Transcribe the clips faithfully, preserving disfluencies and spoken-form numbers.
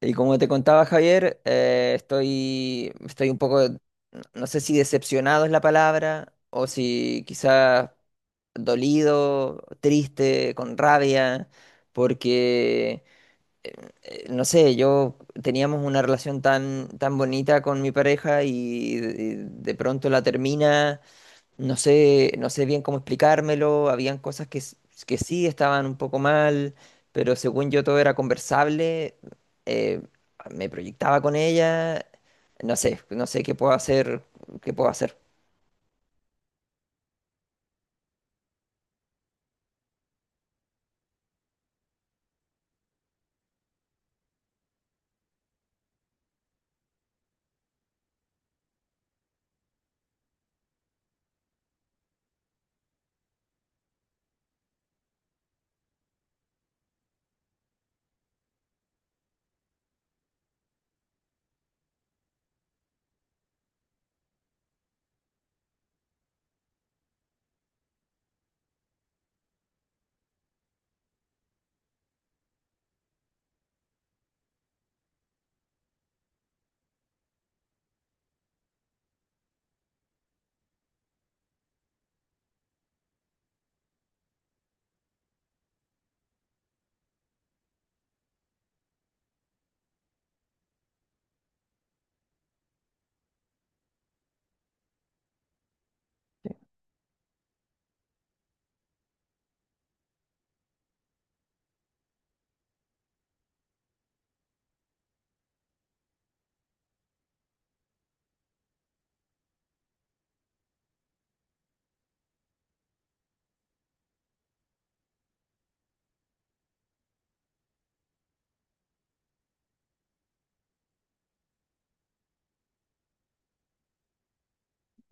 Y como te contaba Javier, eh, estoy, estoy un poco, no no sé si decepcionado es la palabra, o si quizás dolido, triste, con rabia, porque, eh, eh, no sé, yo teníamos una relación tan, tan bonita con mi pareja y, y de pronto la termina. No sé, no sé bien cómo explicármelo, habían cosas que, s- que sí estaban un poco mal, pero según yo todo era conversable, eh, me proyectaba con ella, no sé, no sé qué puedo hacer, qué puedo hacer.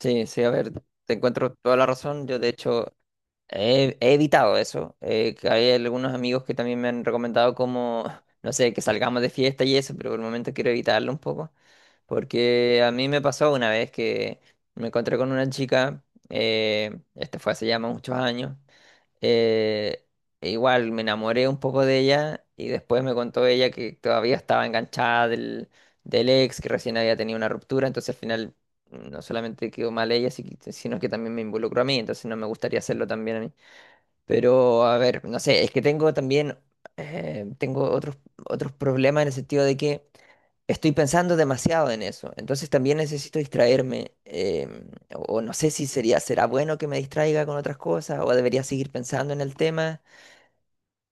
Sí, sí, a ver, te encuentro toda la razón, yo de hecho he, he evitado eso, eh, que hay algunos amigos que también me han recomendado como, no sé, que salgamos de fiesta y eso, pero por el momento quiero evitarlo un poco. Porque a mí me pasó una vez que me encontré con una chica, eh, este fue hace ya muchos años, eh, e igual me enamoré un poco de ella y después me contó ella que todavía estaba enganchada del, del ex, que recién había tenido una ruptura. Entonces al final mm, no solamente quedó mal ella, si- sino que también me involucró a mí, entonces no me gustaría hacerlo también a mí. Pero, a ver, no sé, es que tengo también, eh, tengo otros, otros problemas en el sentido de que estoy pensando demasiado en eso. Entonces también necesito distraerme. em, o o no sé si sería, será bueno que me distraiga con otras cosas o debería seguir pensando en el tema.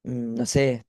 Mm, No sé,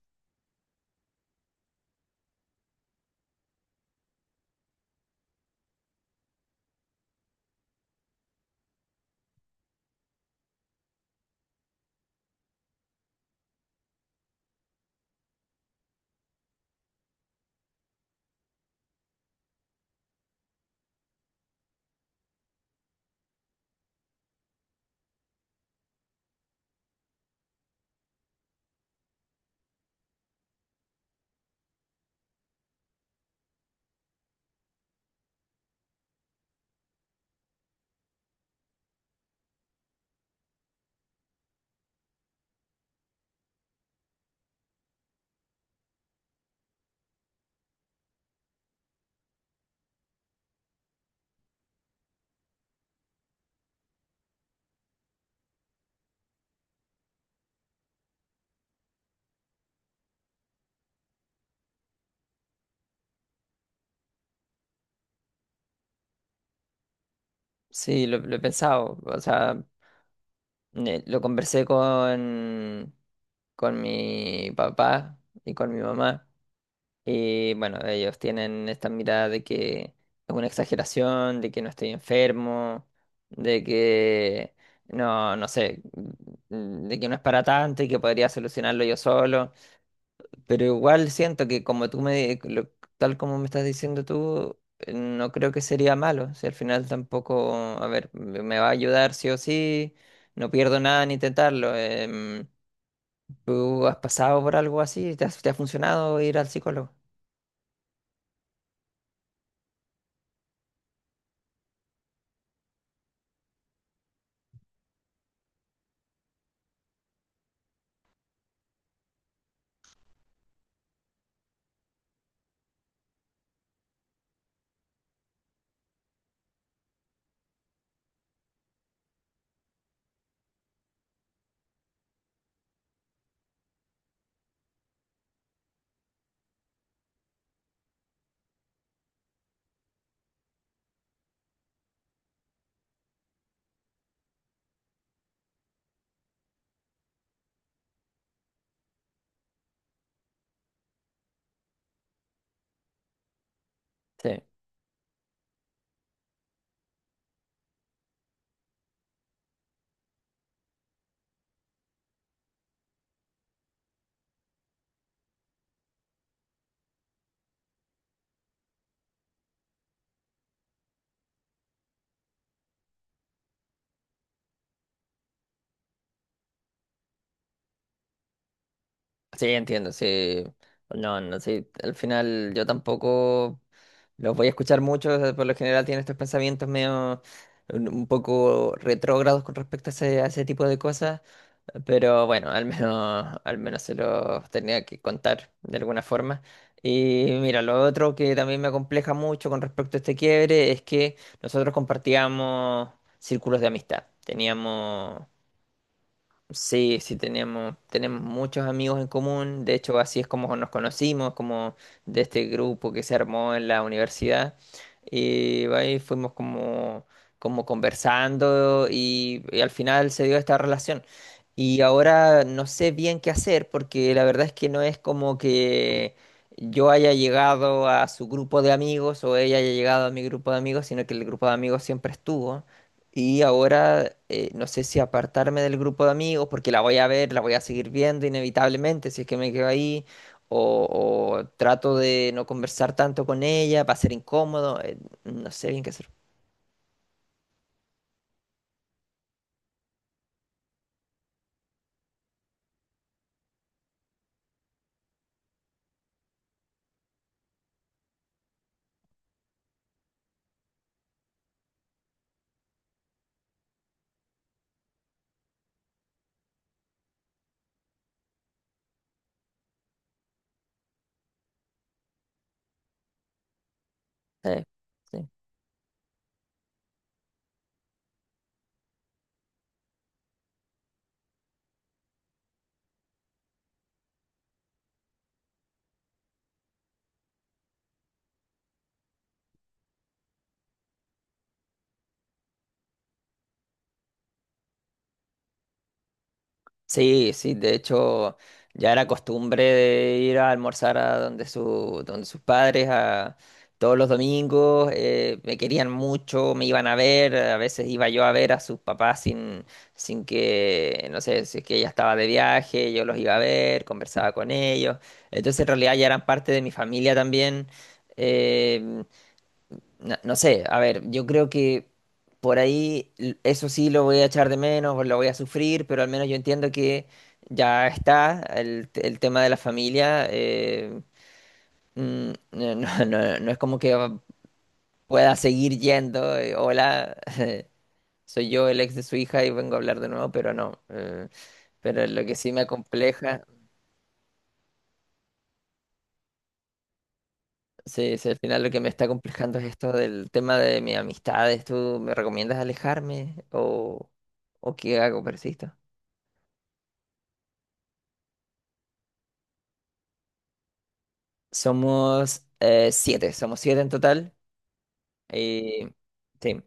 sí, lo, lo he pensado. O sea, ne- lo conversé con, con mi papá y con mi mamá. Y bueno, ellos tienen esta mirada de que es una exageración, de que no estoy enfermo, de que no, no sé, mm, de que no es para tanto y que podría solucionarlo yo solo. Pero igual siento que como tú me, lo- tal como me estás diciendo tú, eh, no creo que sería malo. Si al final tampoco, a ver, me me va a ayudar sí o sí, no pierdo nada en intentarlo. Em, ¿tú has pasado por algo así? ¿Te has- te ha funcionado ir al psicólogo? Sí. Sí, entiendo, sí. No, no, sí. Al final yo tampoco los voy a escuchar mucho. O sea, por lo general tienen estos pensamientos medio un un poco retrógrados con respecto a ese, a ese tipo de cosas. Pero bueno, al menos, al menos se los tenía que contar de alguna forma. Y mira, lo otro que también me compleja mucho con respecto a este quiebre es que nosotros compartíamos círculos de amistad. Teníamos… Sí, sí, tenemos, tenemos muchos amigos en común. De hecho, así es como nos conocimos, como de este grupo que se armó en la universidad. Y ahí fuimos como, como conversando y, y al final se dio esta relación. Y ahora no sé bien qué hacer porque la verdad es que no es como que yo haya llegado a su grupo de amigos o ella haya llegado a mi grupo de amigos, sino que el grupo de amigos siempre estuvo. Y ahora eh, no sé si apartarme del grupo de amigos porque la voy a ver, la voy a seguir viendo inevitablemente si es que me quedo ahí, o, o trato de no conversar tanto con ella, va a ser incómodo, eh, no sé bien qué hacer. Eh, sí. Sí, sí, de hecho ya era costumbre de ir a almorzar a donde su, donde sus padres a todos los domingos, eh, me querían mucho, me iban a ver, a veces iba yo a ver a sus papás sin, sin que, no sé, si es que ella estaba de viaje, yo los iba a ver, conversaba con ellos, entonces en realidad ya eran parte de mi familia también, eh, no, no sé, a ver, yo creo que por ahí l- eso sí lo voy a echar de menos, lo voy a sufrir, pero al menos yo entiendo que ya está el, t- el tema de la familia. eh, mm, no, no- no- no es como que pueda seguir yendo. Eh, hola, soy yo el ex de su hija y vengo a hablar de nuevo, pero no. Eh, pero lo que sí me acompleja… Sí, sí, al final lo que me está complejando es esto del tema de mis amistades. ¿Tú me recomiendas alejarme o, o qué hago? ¿Persisto? Somos eh, siete, somos siete en total. Y sí,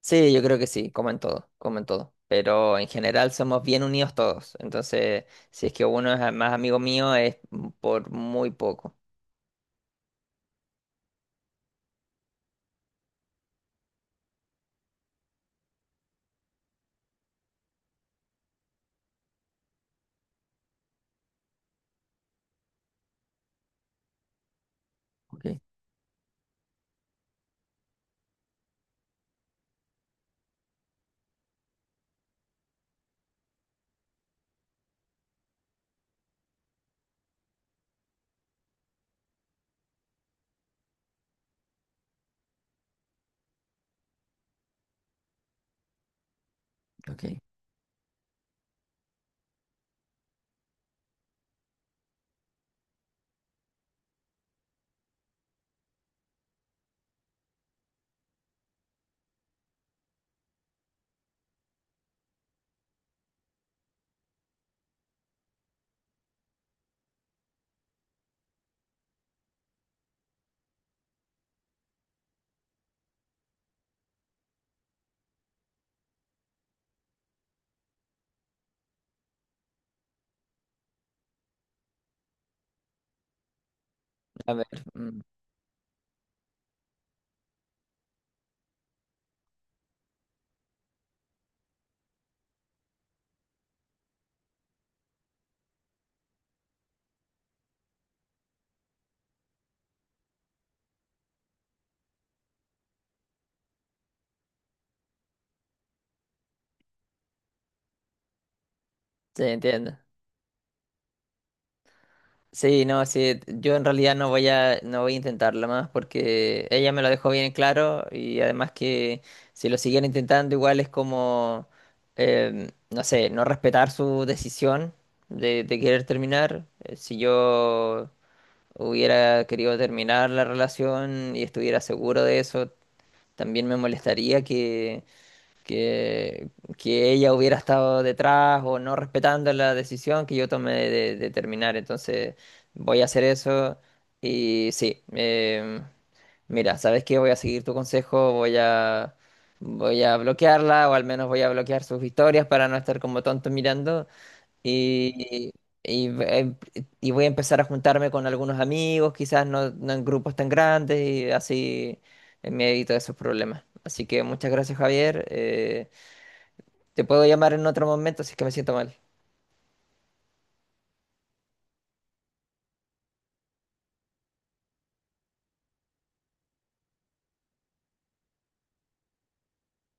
sí, yo creo que sí, como en todo, como en todo. Pero en general somos bien unidos todos. Entonces, si es que uno es más amigo mío, es por muy poco. Ok, ok. A ver, mm, sí, entiendo. Sí, no, sí, yo en realidad no voy a, no voy a intentarlo más porque ella me lo dejó bien claro y además que si lo siguiera intentando igual es como, em, no sé, no respetar su decisión de, de querer terminar. Eh, Si yo hubiera querido terminar la relación y estuviera seguro de eso, también me molestaría que, que ella hubiera estado detrás o no respetando la decisión que yo tomé de, de terminar. Entonces voy a hacer eso y sí, em, mira, ¿sabes qué? Voy a seguir tu consejo, voy a, voy a bloquearla o al menos voy a bloquear sus historias para no estar como tonto mirando. Y, y, em- y voy a empezar a juntarme con algunos amigos, quizás no, no en grupos tan grandes, y así me evito esos problemas. Así que muchas gracias, Javier. Eh, te puedo llamar en otro momento si es que me siento mal.